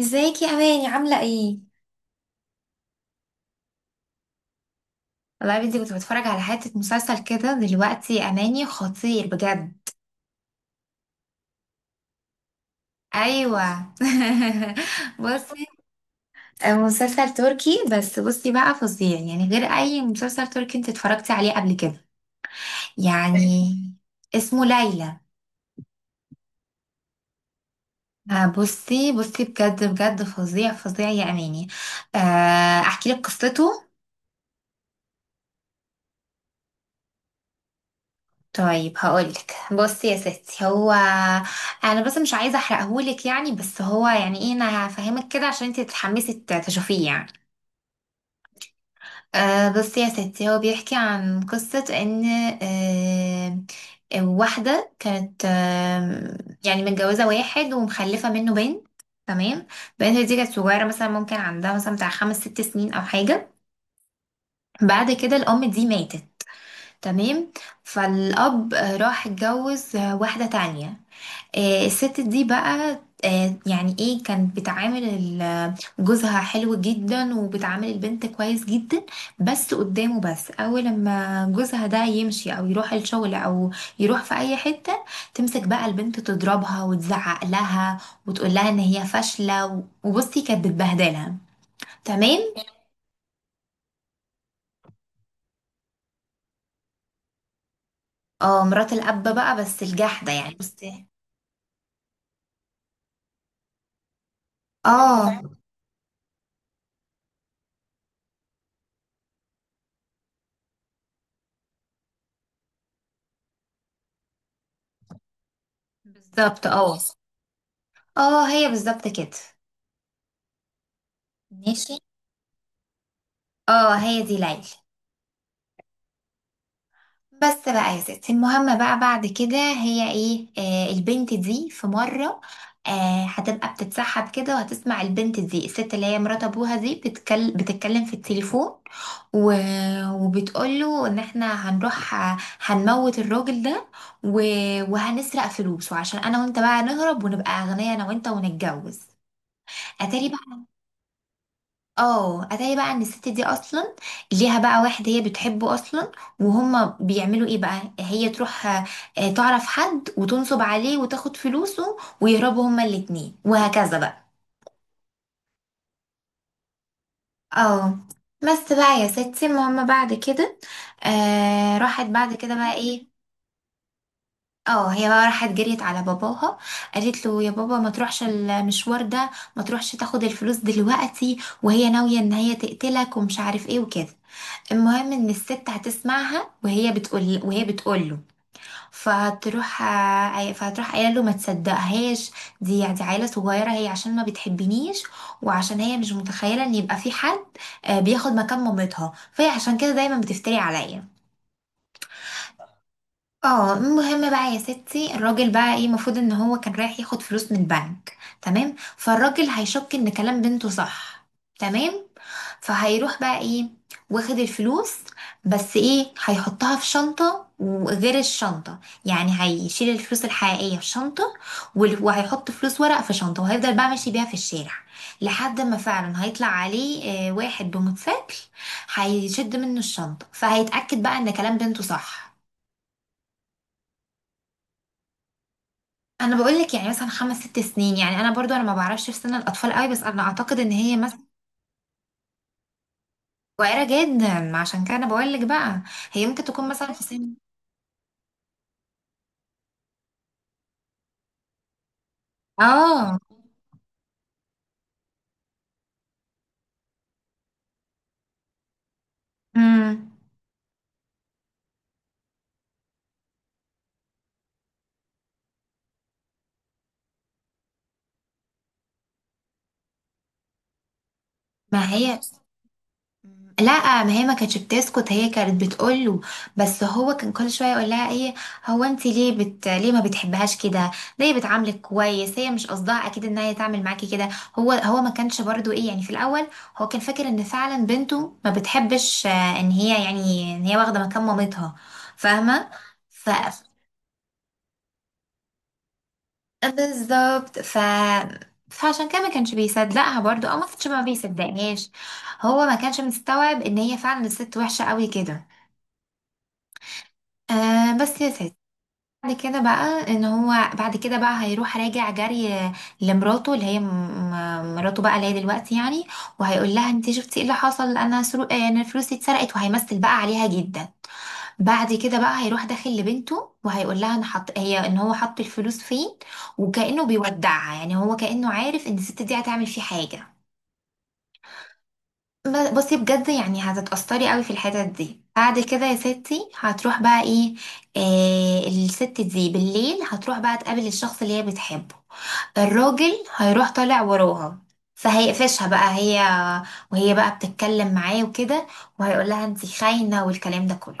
ازيك يا اماني؟ عامله ايه؟ والله يا بنتي، كنت بتفرج على حته مسلسل كده دلوقتي يا اماني، خطير بجد. ايوه. بصي، مسلسل تركي، بس بصي بقى فظيع يعني، غير اي مسلسل تركي انت اتفرجتي عليه قبل كده يعني. اسمه ليلى. بصي بصي بجد بجد فظيع فظيع يا اماني. احكي لك قصته. طيب هقولك. بصي يا ستي هو، انا بس مش عايزه احرقهولك يعني، بس هو يعني ايه، انا هفهمك كده عشان انت تتحمسي تشوفيه يعني. أه بصي يا ستي، هو بيحكي عن قصه ان أه واحده كانت يعني متجوزه واحد ومخلفه منه بنت. تمام. البنت دي كانت صغيره، مثلا ممكن عندها مثلا بتاع خمس ست سنين او حاجه. بعد كده الام دي ماتت. تمام. فالاب راح اتجوز واحده تانية. الست دي بقى يعني ايه، كانت بتعامل جوزها حلو جدا وبتعامل البنت كويس جدا، بس قدامه. بس اول لما جوزها ده يمشي او يروح الشغل او يروح في اي حتة، تمسك بقى البنت تضربها وتزعق لها، وتقول لها ان هي فاشلة وبصي، كانت بتبهدلها. تمام. اه مرات الاب بقى، بس الجحدة يعني بصي. اه بالظبط اه. اه هي بالظبط كده. ماشي. اه هي دي ليلى. بس بقى يا ستي المهم بقى، بعد كده هي ايه، آه البنت دي في مرة آه هتبقى بتتسحب كده، وهتسمع البنت دي الست اللي هي مرات ابوها دي بتتكلم بتتكلم في التليفون، و... وبتقوله ان احنا هنروح هنموت الراجل ده، و... وهنسرق فلوسه، عشان انا وانت بقى نهرب ونبقى اغنياء انا وانت، ونتجوز. اتاري بقى. اه اتاري بقى ان الست دي اصلا ليها بقى واحد هي بتحبه اصلا، وهما بيعملوا ايه بقى، هي تروح تعرف حد وتنصب عليه وتاخد فلوسه، ويهربوا هما الاتنين وهكذا بقى. اه بس بقى يا ستي المهم بعد كده، راحت بعد كده بقى ايه. اه هي بقى راحت جريت على باباها، قالت له يا بابا ما تروحش المشوار ده، ما تروحش تاخد الفلوس دلوقتي، وهي ناوية ان هي تقتلك ومش عارف ايه وكده. المهم ان الست هتسمعها وهي بتقول له، فهتروح فهتروح قايله له ما تصدقهاش، دي يعني، دي عيله صغيره، هي عشان ما بتحبنيش، وعشان هي مش متخيله ان يبقى في حد بياخد مكان مامتها، فهي عشان كده دايما بتفتري عليا. اه المهم بقى يا ستي، الراجل بقى ايه، المفروض ان هو كان رايح ياخد فلوس من البنك، تمام؟ فالراجل هيشك ان كلام بنته صح. تمام. فهيروح بقى ايه، واخد الفلوس. بس ايه، هيحطها في شنطة وغير الشنطة، يعني هيشيل الفلوس الحقيقية في شنطة، وهيحط فلوس ورق في شنطة، وهيفضل بقى ماشي بيها في الشارع، لحد ما فعلا هيطلع عليه واحد بموتوسيكل هيشد منه الشنطة، فهيتأكد بقى ان كلام بنته صح. انا بقول لك يعني مثلا خمس ست سنين يعني، انا برضو انا ما بعرفش في سن الاطفال قوي، بس انا اعتقد ان هي مثلا صغيره جدا، عشان كده انا بقول لك بقى، هي ممكن تكون مثلا في سن. اه امم. ما هي، مم، لا، ما هي ما كانتش بتسكت، هي كانت بتقوله، بس هو كان كل شويه يقول لها ايه، هو انت ليه ليه ما بتحبهاش كده، ده هي بتعاملك كويس، هي مش قصدها اكيد ان هي تعمل معاكي كده. هو ما كانش برضو ايه يعني في الاول، هو كان فاكر ان فعلا بنته ما بتحبش، ان هي يعني ان هي واخده مكان مامتها، فاهمه؟ ف... بالظبط. فعشان كده ما كانش بيصدقها برضو، او ما كانش ما بيصدقهاش، هو ما كانش مستوعب ان هي فعلا الست وحشة قوي كده. آه بس يا ست، بعد كده بقى هيروح راجع جري لمراته اللي هي مراته بقى اللي هي دلوقتي يعني، وهيقول لها انت شفتي ايه اللي حصل، انا فلوسي اتسرقت، وهيمثل بقى عليها جدا. بعد كده بقى هيروح داخل لبنته وهيقول لها انا حط، هي ان هو حط الفلوس فين، وكأنه بيودعها، يعني هو كأنه عارف ان الست دي هتعمل فيه حاجة. بصي بجد، يعني هتتأثري قوي في الحتت دي، بعد كده يا ستي هتروح بقى ايه، آه الست دي بالليل هتروح بقى تقابل الشخص اللي هي بتحبه، الراجل هيروح طالع وراها، فهيقفشها بقى هي، وهي بقى بتتكلم معاه وكده، وهيقول لها انت خاينة والكلام ده كله.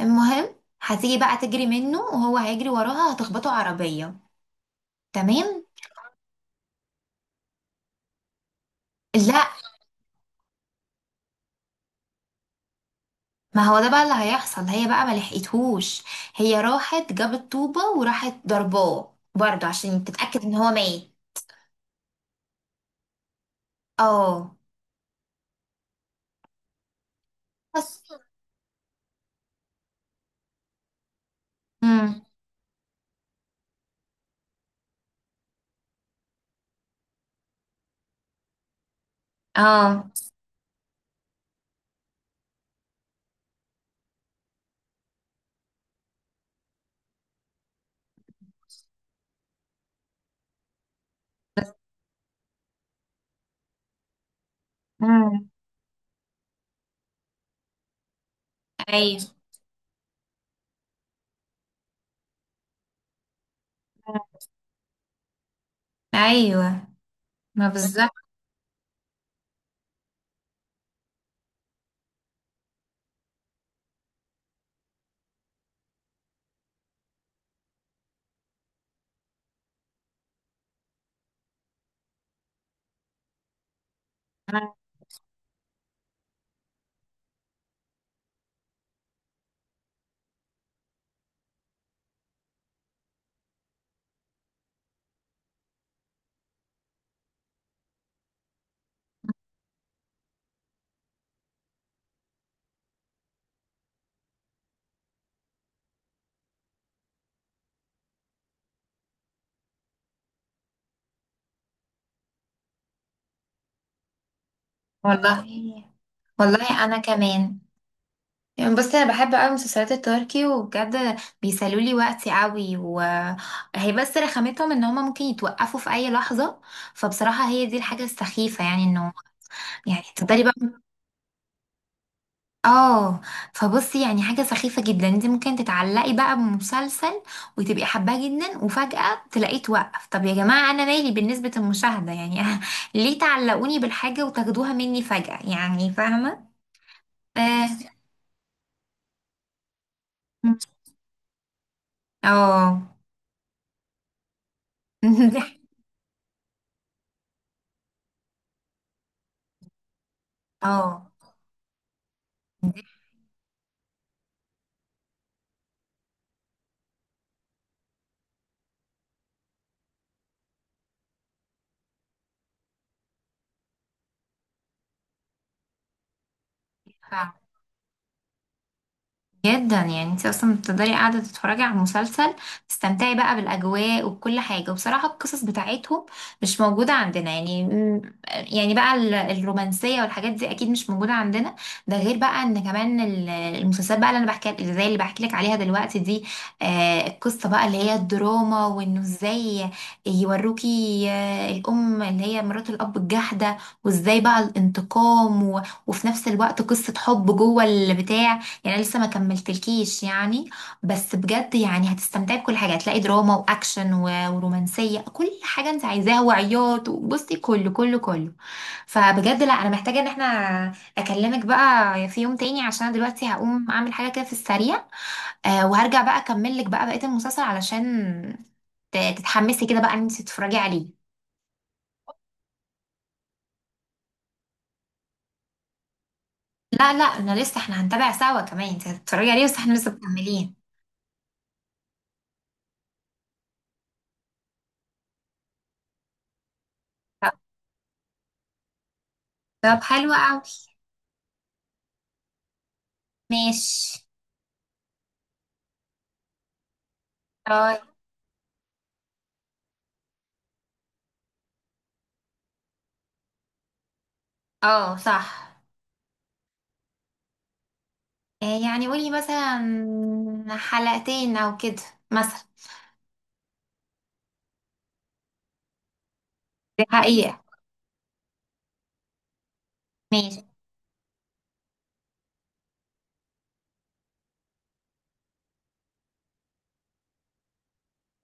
المهم هتيجي بقى تجري منه، وهو هيجري وراها، هتخبطه عربية. تمام. لا، ما هو ده بقى اللي هيحصل، هي بقى ما لحقتهوش، هي راحت جابت طوبة وراحت ضرباه برضه عشان تتأكد ان هو ميت. اه. بس. امم. اه. امم. ايوه، ايوه. ما بالظبط. والله. والله انا كمان، يعني بصي، انا بحب قوي مسلسلات التركي، وبجد بيسلوا لي وقتي قوي، وهي بس رخامتهم ان هما ممكن يتوقفوا في اي لحظه، فبصراحه هي دي الحاجه السخيفه يعني انه، يعني تفضلي بقى. اه، فبصي يعني حاجه سخيفه جدا، انت ممكن تتعلقي بقى بمسلسل وتبقي حباه جدا، وفجاه تلاقيه توقف. طب يا جماعه، انا مالي بالنسبه المشاهده يعني؟ ليه تعلقوني بالحاجه وتاخدوها مني فجاه، يعني فاهمه؟ اه. اه. اه، جدا. يعني انت اصلا بتقدري قاعده تتفرجي على المسلسل، تستمتعي بقى بالاجواء وبكل حاجه، وبصراحه القصص بتاعتهم مش موجوده عندنا يعني. مم، يعني بقى الرومانسيه والحاجات دي اكيد مش موجوده عندنا، ده غير بقى ان كمان المسلسلات بقى، اللي زي اللي بحكي لك عليها دلوقتي دي، القصه بقى اللي هي الدراما، وانه ازاي يوروكي، الام اللي هي مرات الاب الجحده، وازاي بقى الانتقام وفي نفس الوقت قصه حب جوه البتاع، يعني أنا لسه ما كملتلكيش يعني، بس بجد يعني هتستمتعي بكل حاجه، هتلاقي دراما واكشن ورومانسيه، كل حاجه انت عايزاها، وعياط وبصي كله كله كله. فبجد لا، انا محتاجه ان احنا اكلمك بقى في يوم تاني، عشان أنا دلوقتي هقوم اعمل حاجه كده في السريع، آه، وهرجع بقى اكمل لك بقى بقيه المسلسل، علشان تتحمسي كده بقى ان انت تتفرجي عليه. لا لا، انا لسه، احنا هنتابع سوا، كمان انت هتتفرجي عليه، بس احنا لسه مكملين. طب، طب حلو قوي. ماشي. باي. اه صح. يعني قولي مثلا حلقتين او كده، مثلا. دي حقيقة. ماشي.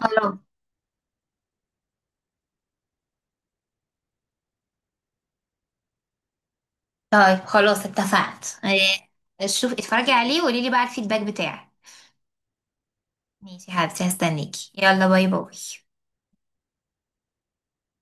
خلاص. طيب خلاص اتفقت، شوف اتفرجي عليه وقولي لي بقى الفيدباك بتاعك. ماشي يا حبيبتي، هستنيكي، يلا باي باي.